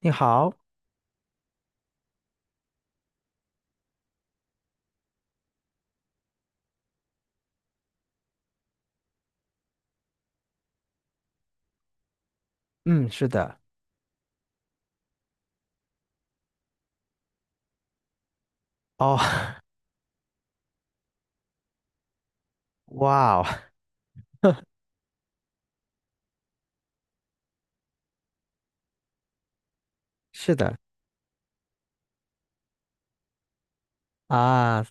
你好，嗯，是的，哦，哇哦，是的啊，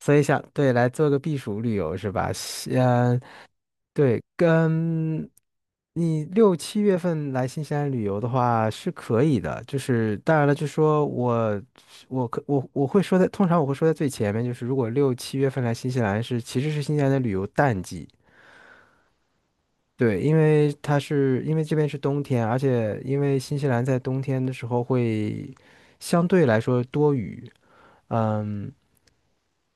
所以想，对，来做个避暑旅游是吧？对，跟你六七月份来新西兰旅游的话是可以的，就是当然了，就说我我可我我会说在，通常我会说在最前面，就是如果六七月份来新西兰其实是新西兰的旅游淡季，对，因为因为这边是冬天，而且因为新西兰在冬天的时候会相对来说多雨，嗯，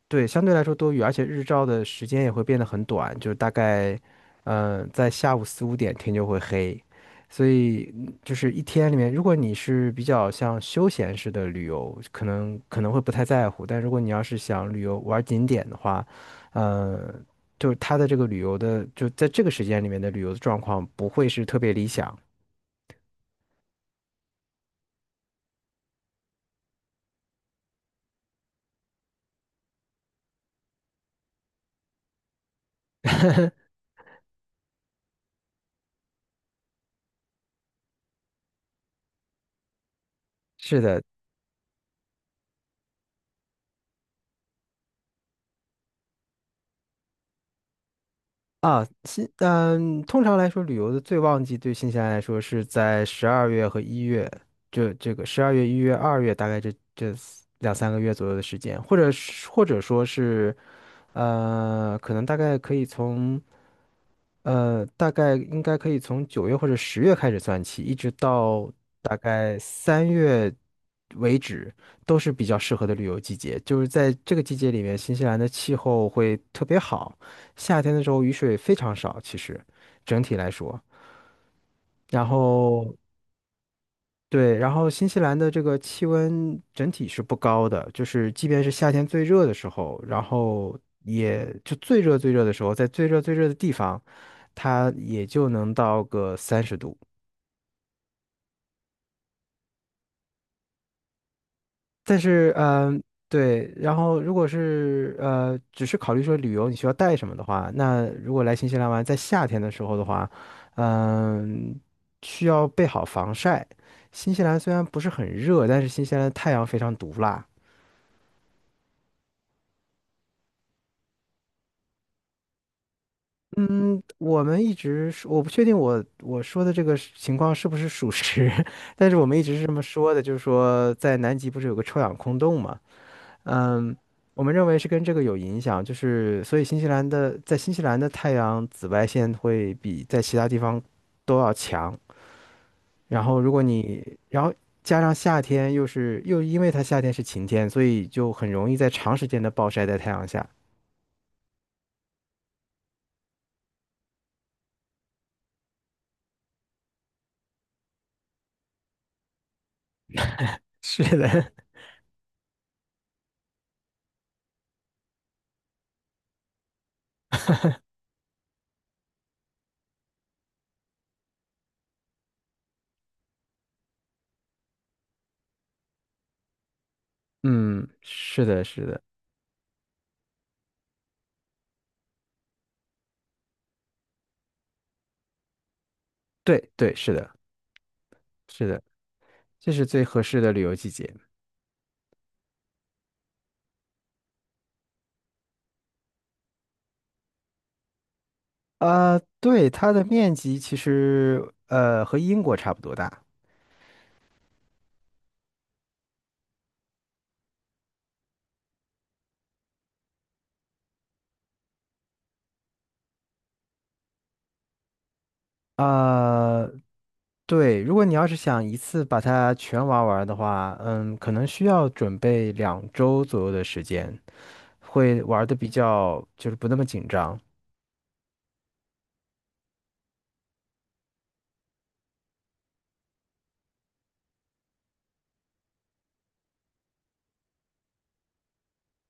对，相对来说多雨，而且日照的时间也会变得很短，就是大概，在下午四五点天就会黑，所以就是一天里面，如果你是比较像休闲式的旅游，可能会不太在乎，但如果你要是想旅游玩景点的话，嗯，就是它的这个旅游的，就在这个时间里面的旅游的状况不会是特别理想。是的，啊，通常来说，旅游的最旺季对新西兰来说是在十二月和一月，这个十二月、一月、二月，大概这四两三个月左右的时间，或者说是，可能大概可以从呃，大概应该可以从九月或者十月开始算起，一直到大概三月为止，都是比较适合的旅游季节。就是在这个季节里面，新西兰的气候会特别好，夏天的时候雨水非常少，其实整体来说。然后，对，然后新西兰的这个气温整体是不高的，就是即便是夏天最热的时候，然后也就最热最热的时候，在最热最热的地方，它也就能到个三十度。但是，对，然后如果是只是考虑说旅游你需要带什么的话，那如果来新西兰玩，在夏天的时候的话，嗯、需要备好防晒。新西兰虽然不是很热，但是新西兰的太阳非常毒辣。嗯，我们一直是我不确定我说的这个是情况是不是属实，但是我们一直是这么说的，就是说在南极不是有个臭氧空洞嘛？嗯，我们认为是跟这个有影响，就是所以新西兰的在新西兰的太阳紫外线会比在其他地方都要强，然后如果你然后加上夏天又是又因为它夏天是晴天，所以就很容易在长时间的暴晒在太阳下。是的，嗯，是的，是的，对对是的。是的，这是最合适的旅游季节。啊、对，它的面积其实和英国差不多大。啊、对，如果你要是想一次把它全玩完的话，可能需要准备两周左右的时间，会玩的比较就是不那么紧张。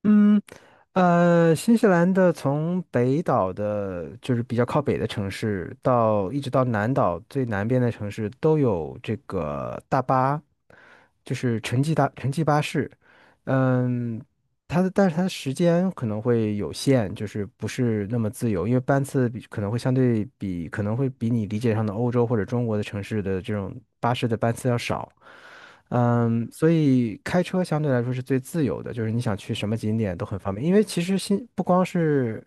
嗯，新西兰的从北岛的，就是比较靠北的城市，一直到南岛最南边的城市，都有这个大巴，就是城际巴士。嗯，但是它的时间可能会有限，就是不是那么自由，因为班次比可能会相对比可能会比你理解上的欧洲或者中国的城市的这种巴士的班次要少。嗯，所以开车相对来说是最自由的，就是你想去什么景点都很方便。因为其实新不光是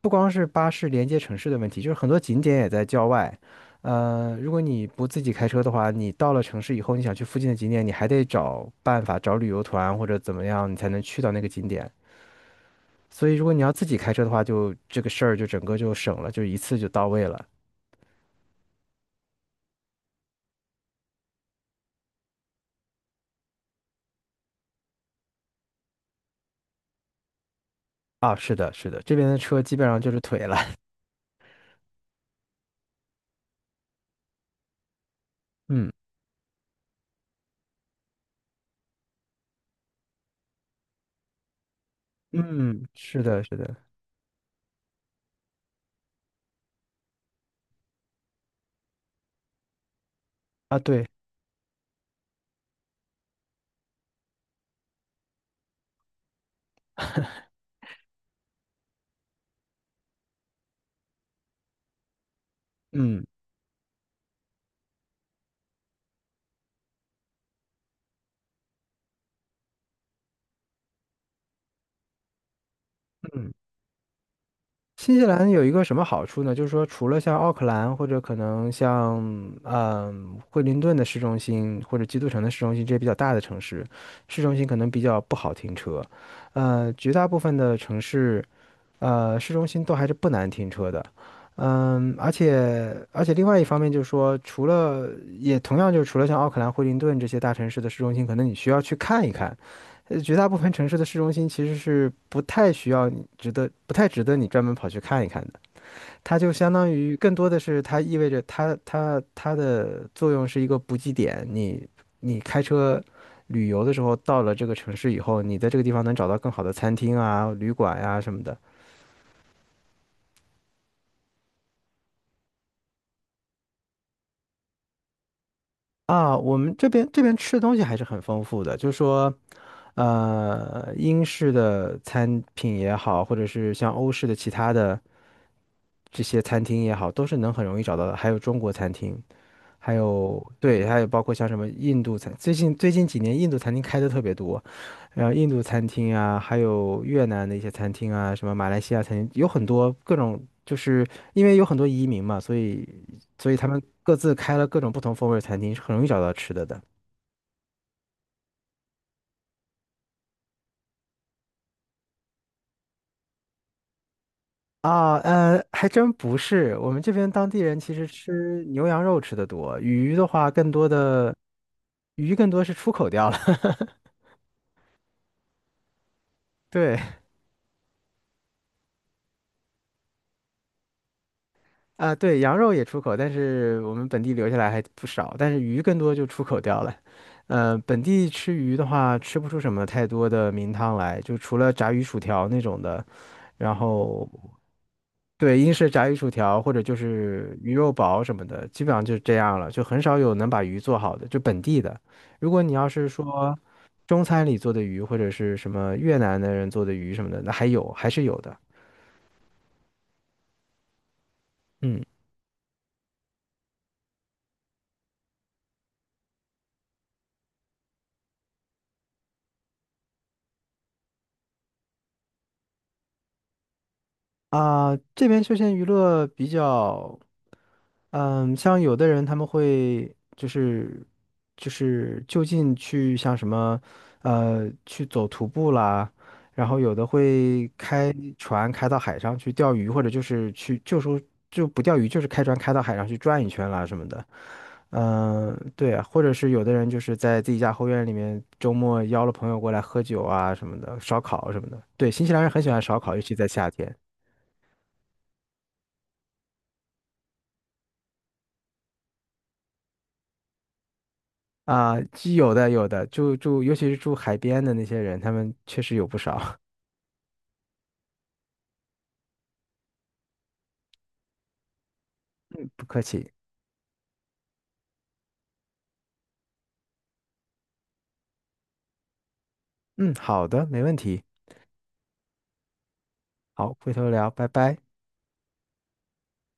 不光是巴士连接城市的问题，就是很多景点也在郊外。如果你不自己开车的话，你到了城市以后，你想去附近的景点，你还得找办法找旅游团或者怎么样，你才能去到那个景点。所以如果你要自己开车的话，就这个事儿就整个就省了，就一次就到位了。啊，是的，是的，这边的车基本上就是腿了。嗯嗯，是的，是的，啊，对。嗯。嗯，新西兰有一个什么好处呢？就是说，除了像奥克兰或者可能像惠灵顿的市中心或者基督城的市中心这些比较大的城市，市中心可能比较不好停车。绝大部分的城市，市中心都还是不难停车的。嗯，而且另外一方面就是说，除了也同样就是除了像奥克兰、惠灵顿这些大城市的市中心，可能你需要去看一看。绝大部分城市的市中心其实是不太需要你值得，不太值得你专门跑去看一看的。它就相当于更多的是它意味着它的作用是一个补给点。你开车旅游的时候到了这个城市以后，你在这个地方能找到更好的餐厅啊、旅馆呀、什么的啊。我们这边吃的东西还是很丰富的，就是说英式的餐品也好，或者是像欧式的其他的这些餐厅也好，都是能很容易找到的。还有中国餐厅，还有对，还有包括像什么印度餐，最近几年印度餐厅开的特别多，然后印度餐厅啊，还有越南的一些餐厅啊，什么马来西亚餐厅，有很多各种，就是因为有很多移民嘛，所以他们各自开了各种不同风味儿的餐厅，是很容易找到吃的的。啊，还真不是。我们这边当地人其实吃牛羊肉吃的多，鱼更多是出口掉了。对。啊，对，羊肉也出口，但是我们本地留下来还不少，但是鱼更多就出口掉了。本地吃鱼的话，吃不出什么太多的名堂来，就除了炸鱼薯条那种的，然后对，英式炸鱼薯条或者就是鱼肉堡什么的，基本上就是这样了，就很少有能把鱼做好的，就本地的。如果你要是说中餐里做的鱼，或者是什么越南的人做的鱼什么的，那还有，还是有的。嗯。啊，这边休闲娱乐比较，嗯，像有的人他们会就是就近去像什么，去走徒步啦，然后有的会开船开到海上去钓鱼，或者就是去就说就不钓鱼，就是开船开到海上去转一圈啦什么的。嗯，对啊，或者是有的人就是在自己家后院里面周末邀了朋友过来喝酒啊什么的，烧烤什么的。对，新西兰人很喜欢烧烤，尤其在夏天。啊，有的有的，尤其是住海边的那些人，他们确实有不少。嗯，不客气。嗯，好的，没问题。好，回头聊，拜拜。